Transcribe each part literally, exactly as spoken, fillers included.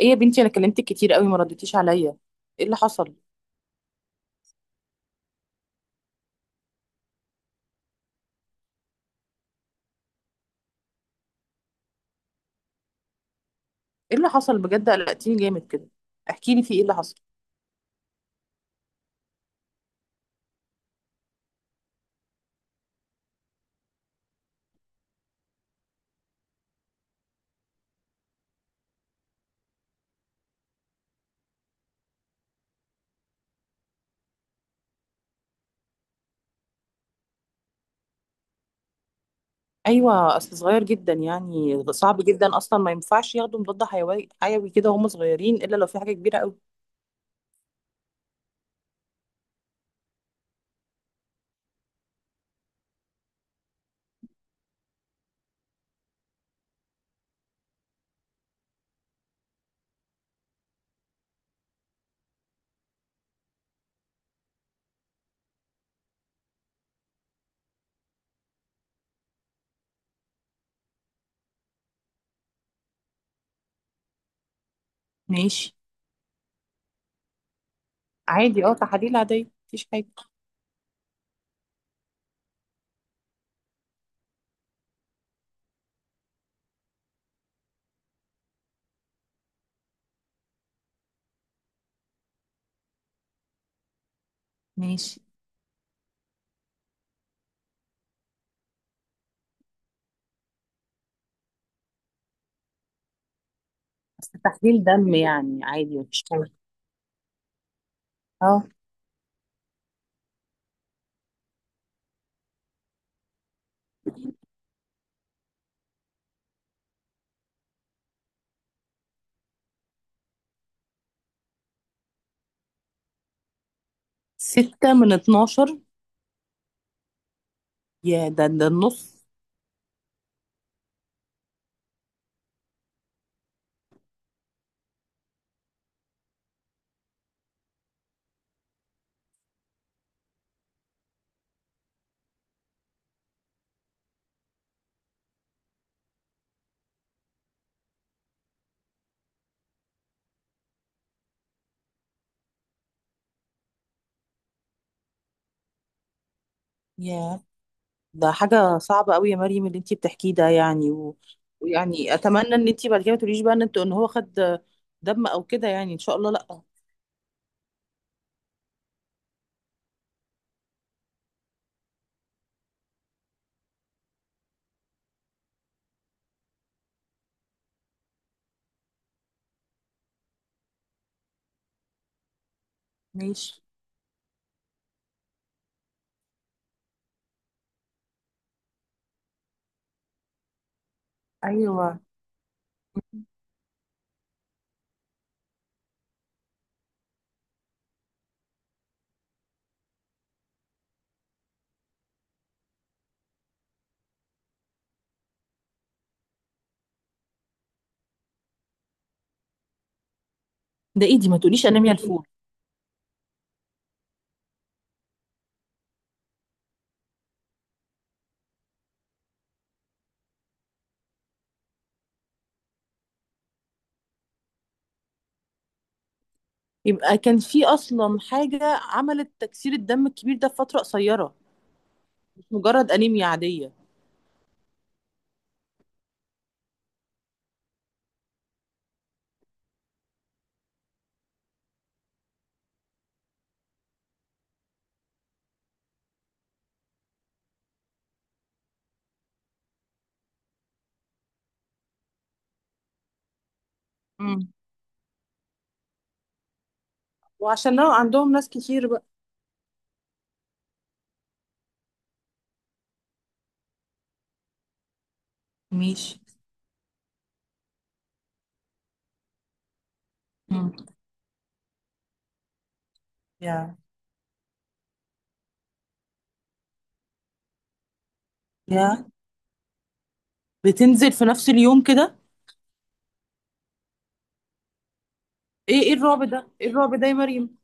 ايه يا بنتي، انا كلمتك كتير قوي ما ردتيش عليا. ايه اللي حصل؟ ايه اللي حصل بجد؟ قلقتيني جامد كده، احكي لي في ايه اللي حصل. ايوه، اصل صغير جدا يعني، صعب جدا اصلا ما ينفعش ياخدوا مضاد حيوي حيوي كده وهم صغيرين الا لو في حاجه كبيره قوي. ماشي. عادي، اه تحاليل عاديه مفيش حاجه. ماشي. بس تحليل دم يعني عادي مفيش حاجه. اه. ستة من اتناشر؟ يا، ده ده النص. يا، ده حاجة صعبة قوي يا مريم اللي انتي بتحكيه ده، يعني و... ويعني اتمنى ان انتي بعد كده ما تقوليش بقى ان انت، ان هو خد دم او كده، يعني ان شاء الله لا. ماشي. ايوه. ده ايدي، ما تقوليش انيميا الفول. يبقى كان في اصلا حاجة عملت تكسير الدم الكبير ده في فترة قصيرة، مش مجرد انيميا عادية. مم. وعشان لو عندهم ناس كتير بقى. ماشي. مم. يا يا بتنزل في نفس اليوم كده؟ ايه ايه الرعب ده، ايه الرعب ده يا مريم!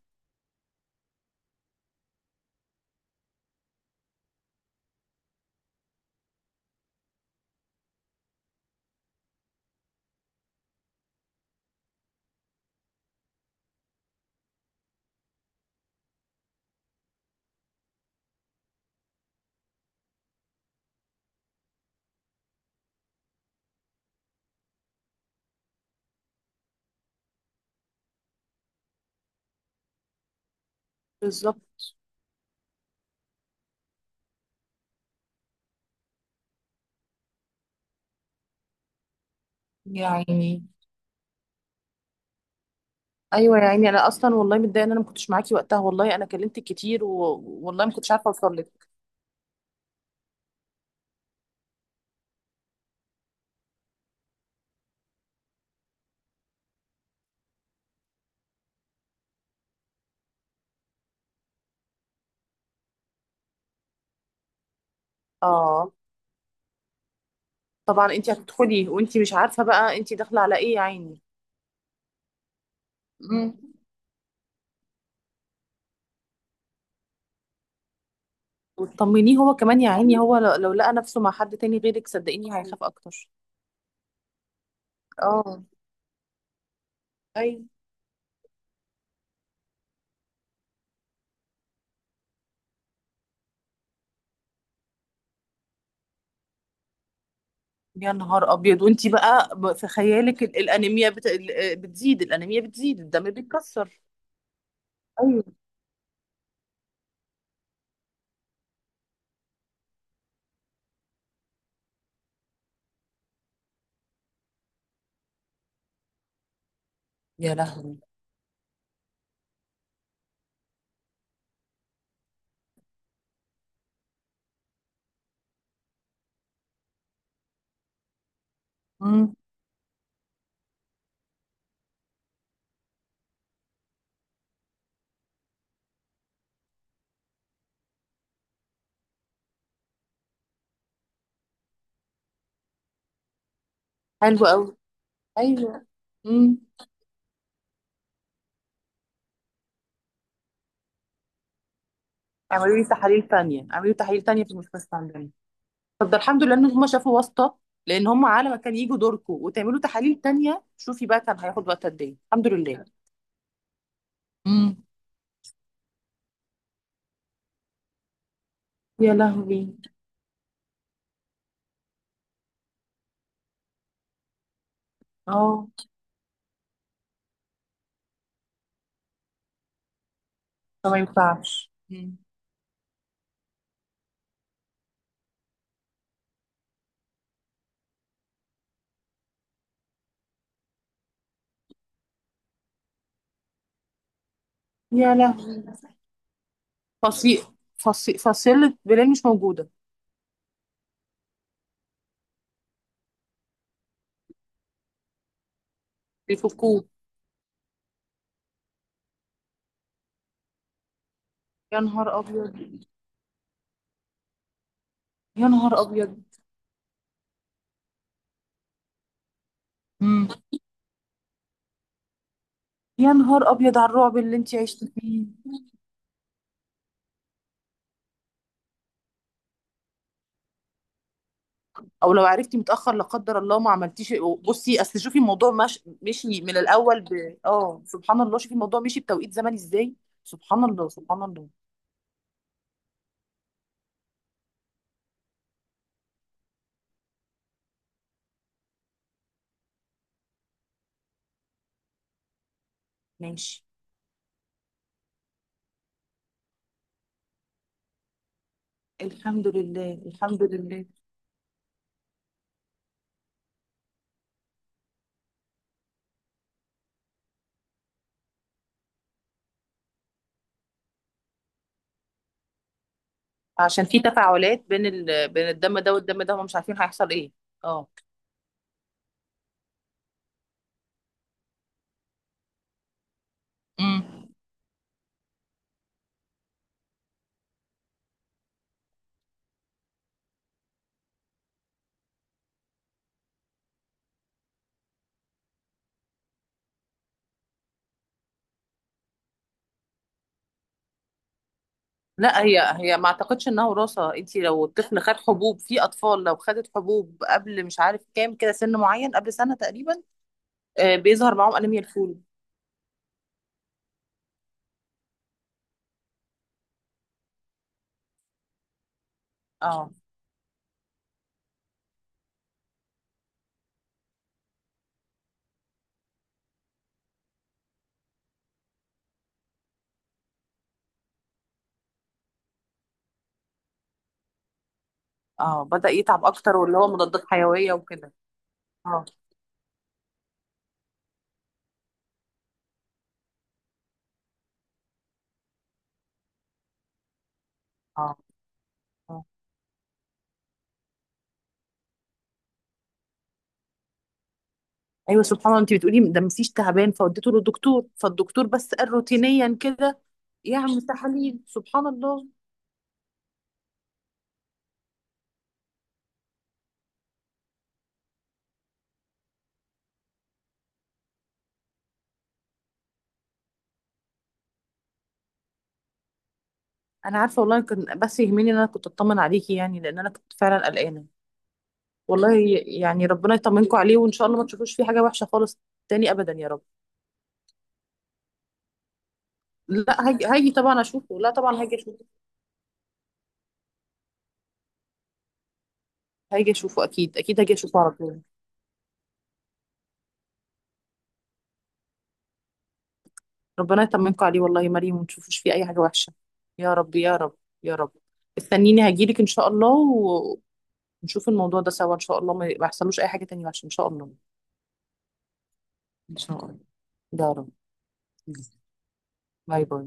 بالظبط، يعني. ايوه يا عيني، انا اصلا والله متضايقه ان انا ما كنتش معاكي وقتها، والله انا كلمتك كتير و... والله ما كنتش عارفه اوصل لك. اه. طبعا انت هتدخلي وانت مش عارفه بقى انت داخله على ايه يا عيني. مم. وتطمنيه هو كمان يا عيني، هو لو لو لقى نفسه مع حد تاني غيرك صدقيني هيخاف اكتر. اه. ايوه. يا نهار ابيض. وانت بقى ب- في خيالك ال- الانيميا بت... ال- بتزيد، الانيميا بتزيد، الدم بيتكسر. ايوه. يا لهوي. امم. حلو قوي. ايوه. امم. اعملوا لي تحاليل تانية، اعملوا لي تحاليل تانية في المستشفى عندنا. فده الحمد لله ان هم شافوا واسطة، لان هم على ما كان يجوا دوركم وتعملوا تحاليل تانية شوفي بقى كان هياخد وقت قد ايه. الحمد لله. امم. يا لهوي. اه. فما ينفعش. أمم. يا لهوي. فصيل فصيل فصيلة بلال مش موجودة. بيفكوه. يا نهار أبيض. يا نهار أبيض. أمم. يا نهار أبيض على الرعب اللي أنت عشتي فيه. او لو عرفتي متاخر لا قدر الله ما عملتيش. بصي اصل شوفي الموضوع مش... مشي من الاول، ب... اه سبحان الله شوفي الموضوع مشي بتوقيت زمني ازاي. سبحان الله، سبحان الله. ماشي. الحمد لله، الحمد لله. عشان في تفاعلات بين ال... بين الدم ده والدم ده، هم مش عارفين هيحصل ايه. اه. امم. لا، هي هي ما اعتقدش انها وراثه، انت لو الطفل خد حبوب، في اطفال لو خدت حبوب قبل مش عارف كام كده سن معين قبل سنه تقريبا آه، بيظهر معاهم انيميا الفول. اه. اه بدأ يتعب اكتر واللي هو مضادات حيوية وكده. اه. اه. آه. ايوه سبحان الله، انت بتقولي ده مفيش تعبان فوديته للدكتور، فالدكتور بس قال روتينيا كده يعمل تحاليل، سبحان الله. انا عارفه والله، كان بس يهمني ان انا كنت اطمن عليكي يعني، لان انا كنت فعلا قلقانه. والله. يعني ربنا يطمنكم عليه وان شاء الله ما تشوفوش فيه حاجه وحشه خالص. تاني ابدا يا رب. لا هاجي، هاجي طبعا اشوفه، لا طبعا هاجي اشوفه، هاجي اشوفه اكيد، اكيد هاجي اشوفه على طول. ربنا يطمنكم عليه والله يا مريم، وما تشوفوش فيه اي حاجه وحشه. يا رب، يا رب. يا رب. استنيني هجيلك ان شاء الله و- ونشوف الموضوع ده سوا ان شاء الله ما ما يحصلوش اي حاجه تانية وحشه ان شاء الله. إن شاء الله. يا رب. باي باي.